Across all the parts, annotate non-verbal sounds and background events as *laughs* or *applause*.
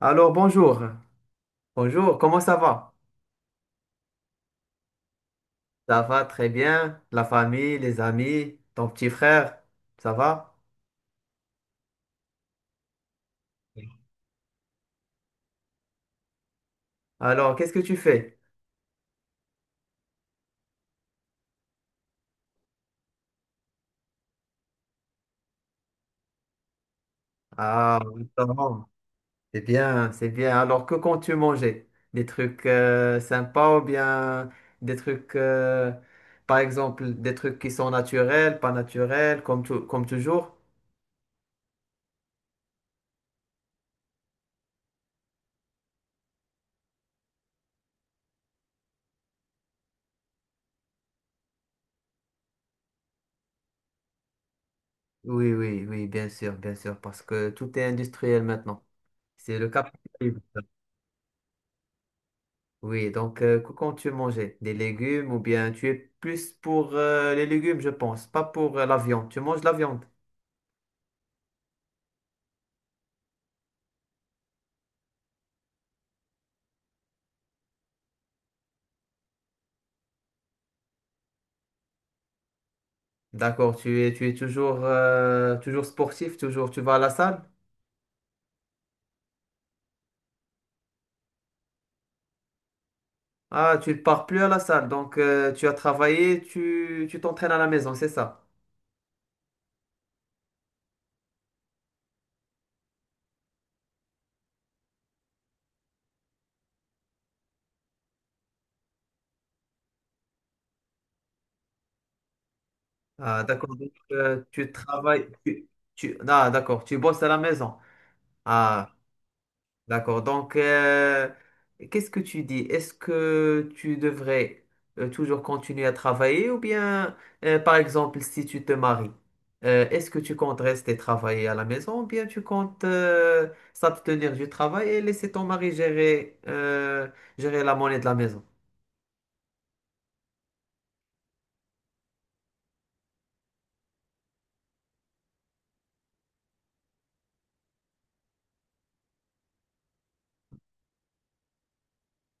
Alors, bonjour. Bonjour, comment ça va? Ça va très bien. La famille, les amis, ton petit frère, ça va? Alors, qu'est-ce que tu fais? Ah, oui, ça va. C'est bien, c'est bien. Alors, que comptes-tu manger? Des trucs sympas ou bien des trucs, par exemple, des trucs qui sont naturels, pas naturels, comme, comme toujours? Oui, oui, oui, bien sûr, parce que tout est industriel maintenant. C'est le capitalisme. Oui, donc quand tu mangeais des légumes ou bien tu es plus pour les légumes, je pense, pas pour la viande. Tu manges la viande. D'accord, tu es toujours, toujours sportif, toujours tu vas à la salle. Ah, tu ne pars plus à la salle, donc tu as travaillé, tu t'entraînes à la maison, c'est ça. Ah, d'accord, donc tu travailles, ah, d'accord, tu bosses à la maison. Ah, D'accord. Donc, qu'est-ce que tu dis? Est-ce que tu devrais toujours continuer à travailler ou bien, par exemple, si tu te maries, est-ce que tu comptes rester travailler à la maison ou bien tu comptes s'abstenir du travail et laisser ton mari gérer, gérer la monnaie de la maison?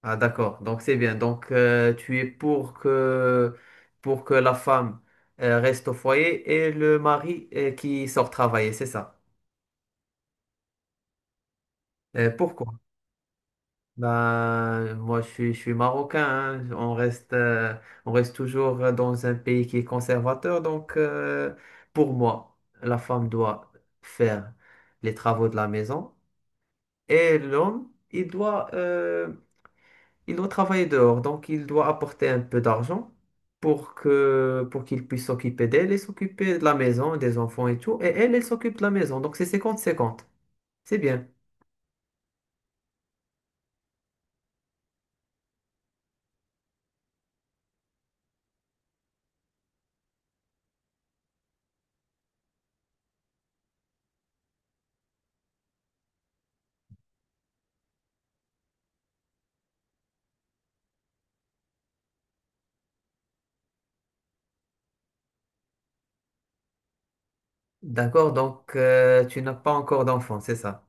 Ah, d'accord. Donc, c'est bien. Donc, tu es pour que la femme reste au foyer et le mari qui sort travailler, c'est ça? Pourquoi? Ben, moi, je suis marocain, hein. On reste toujours dans un pays qui est conservateur. Donc, pour moi, la femme doit faire les travaux de la maison et l'homme, il doit, il doit travailler dehors. Donc, il doit apporter un peu d'argent pour qu'il puisse s'occuper d'elle et s'occuper de la maison, des enfants et tout. Et elle, elle s'occupe de la maison. Donc, c'est 50-50. C'est bien. D'accord. Donc, tu n'as pas encore d'enfant, c'est ça?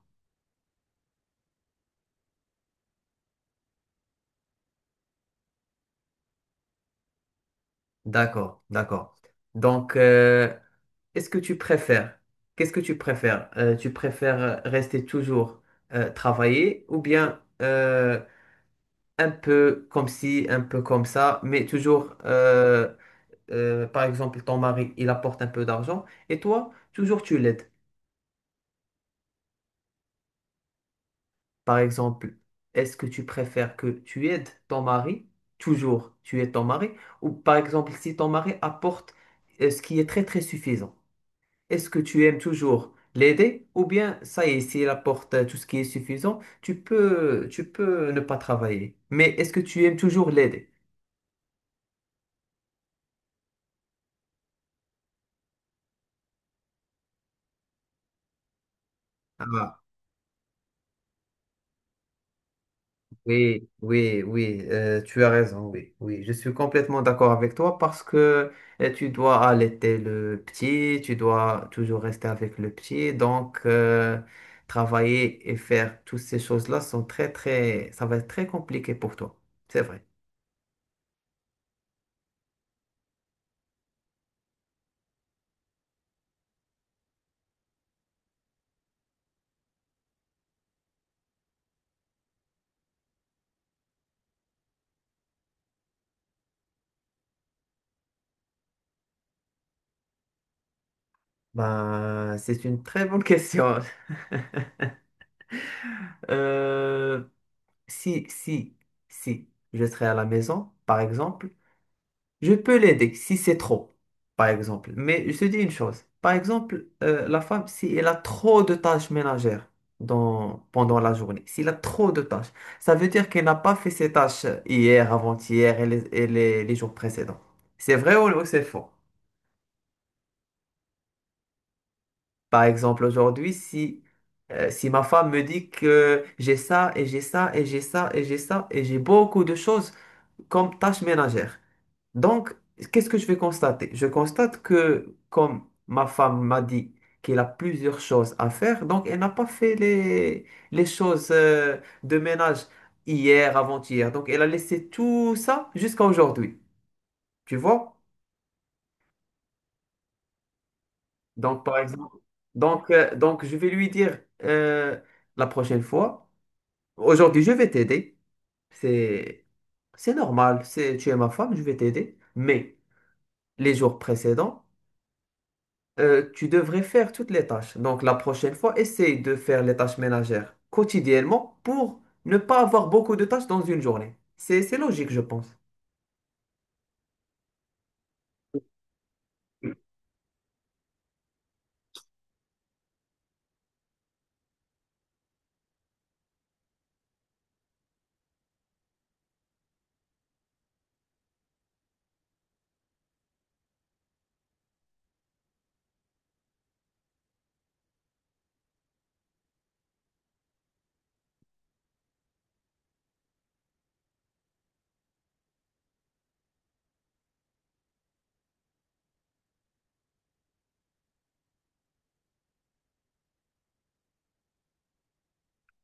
D'accord, d'accord. Donc, est-ce que tu préfères, qu'est-ce que tu préfères? Tu préfères rester toujours travailler ou bien un peu comme ci, un peu comme ça, mais toujours, par exemple, ton mari, il apporte un peu d'argent et toi, toujours tu l'aides. Par exemple, est-ce que tu préfères que tu aides ton mari, toujours tu aides ton mari, ou par exemple, si ton mari apporte ce qui est très très suffisant? Est-ce que tu aimes toujours l'aider ou bien ça y est, s'il apporte tout ce qui est suffisant, tu peux ne pas travailler. Mais est-ce que tu aimes toujours l'aider? Ah, oui, oui, oui, tu as raison, oui, oui, je suis complètement d'accord avec toi parce que tu dois allaiter le petit, tu dois toujours rester avec le petit, donc travailler et faire toutes ces choses-là sont très, très, ça va être très compliqué pour toi, c'est vrai. Ben, c'est une très bonne question. *laughs* Euh, si, si, si je serai à la maison, par exemple, je peux l'aider si c'est trop, par exemple. Mais je te dis une chose, par exemple, la femme, si elle a trop de tâches ménagères pendant la journée, s'il a trop de tâches, ça veut dire qu'elle n'a pas fait ses tâches hier, avant-hier et les jours précédents. C'est vrai ou c'est faux? Par exemple, aujourd'hui, si... si ma femme me dit que j'ai ça et j'ai ça et j'ai ça et j'ai ça et j'ai beaucoup de choses, comme tâche ménagère. Donc, qu'est-ce que je vais constater? Je constate que comme ma femme m'a dit qu'elle a plusieurs choses à faire, donc elle n'a pas fait les choses de ménage hier, avant-hier. Donc, elle a laissé tout ça jusqu'à aujourd'hui. Tu vois? Donc, par exemple, donc je vais lui dire la prochaine fois, aujourd'hui, je vais t'aider. C'est, c'est normal, c'est, tu es ma femme, je vais t'aider. Mais les jours précédents, tu devrais faire toutes les tâches. Donc la prochaine fois, essaye de faire les tâches ménagères quotidiennement pour ne pas avoir beaucoup de tâches dans une journée. C'est logique, je pense.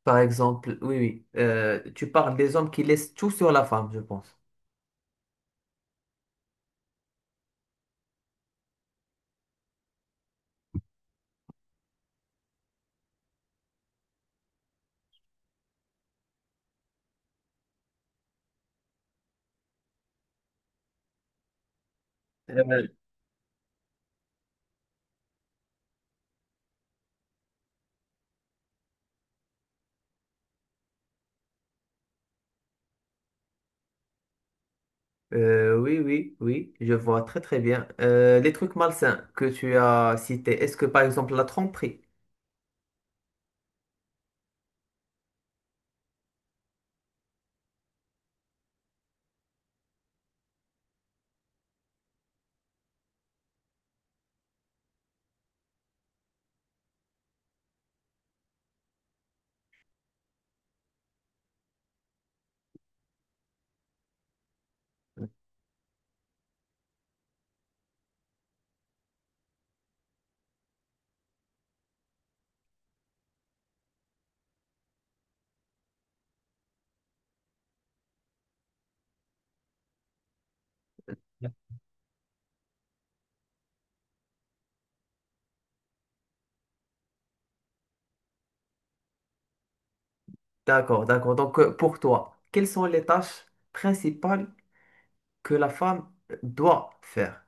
Par exemple, oui, oui, tu parles des hommes qui laissent tout sur la femme, je pense. Euh, oui, oui, oui, je vois très très bien. Les trucs malsains que tu as cités, est-ce que par exemple la tromperie? D'accord, d'accord. Donc pour toi, quelles sont les tâches principales que la femme doit faire?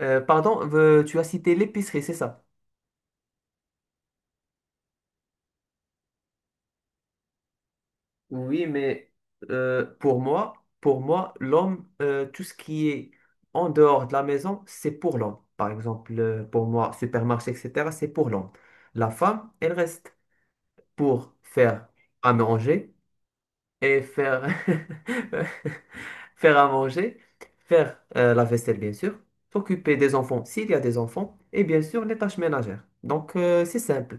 Pardon, tu as cité l'épicerie, c'est ça? Oui, mais Euh, pour moi, pour moi, l'homme, tout ce qui est en dehors de la maison, c'est pour l'homme. Par exemple, pour moi, supermarché, etc., c'est pour l'homme. La femme, elle reste pour faire à manger et faire, *laughs* faire à manger, faire la vaisselle, bien sûr, s'occuper des enfants s'il y a des enfants, et bien sûr, les tâches ménagères. Donc, c'est simple.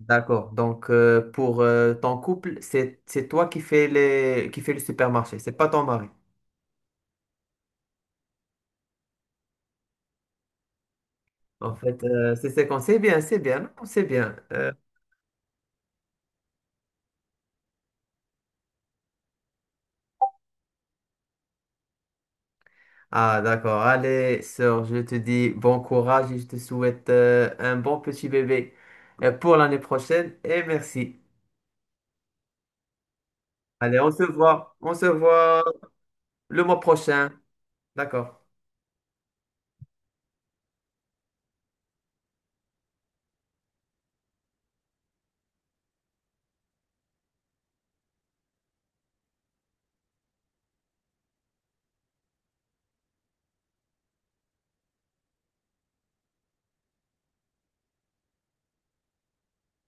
D'accord. Donc, pour ton couple, c'est toi qui fais les qui fais le supermarché, c'est pas ton mari. En fait, c'est bien, non, c'est bien. D'accord. Allez, sœur, je te dis bon courage et je te souhaite un bon petit bébé pour l'année prochaine et merci. Allez, on se voit le mois prochain. D'accord.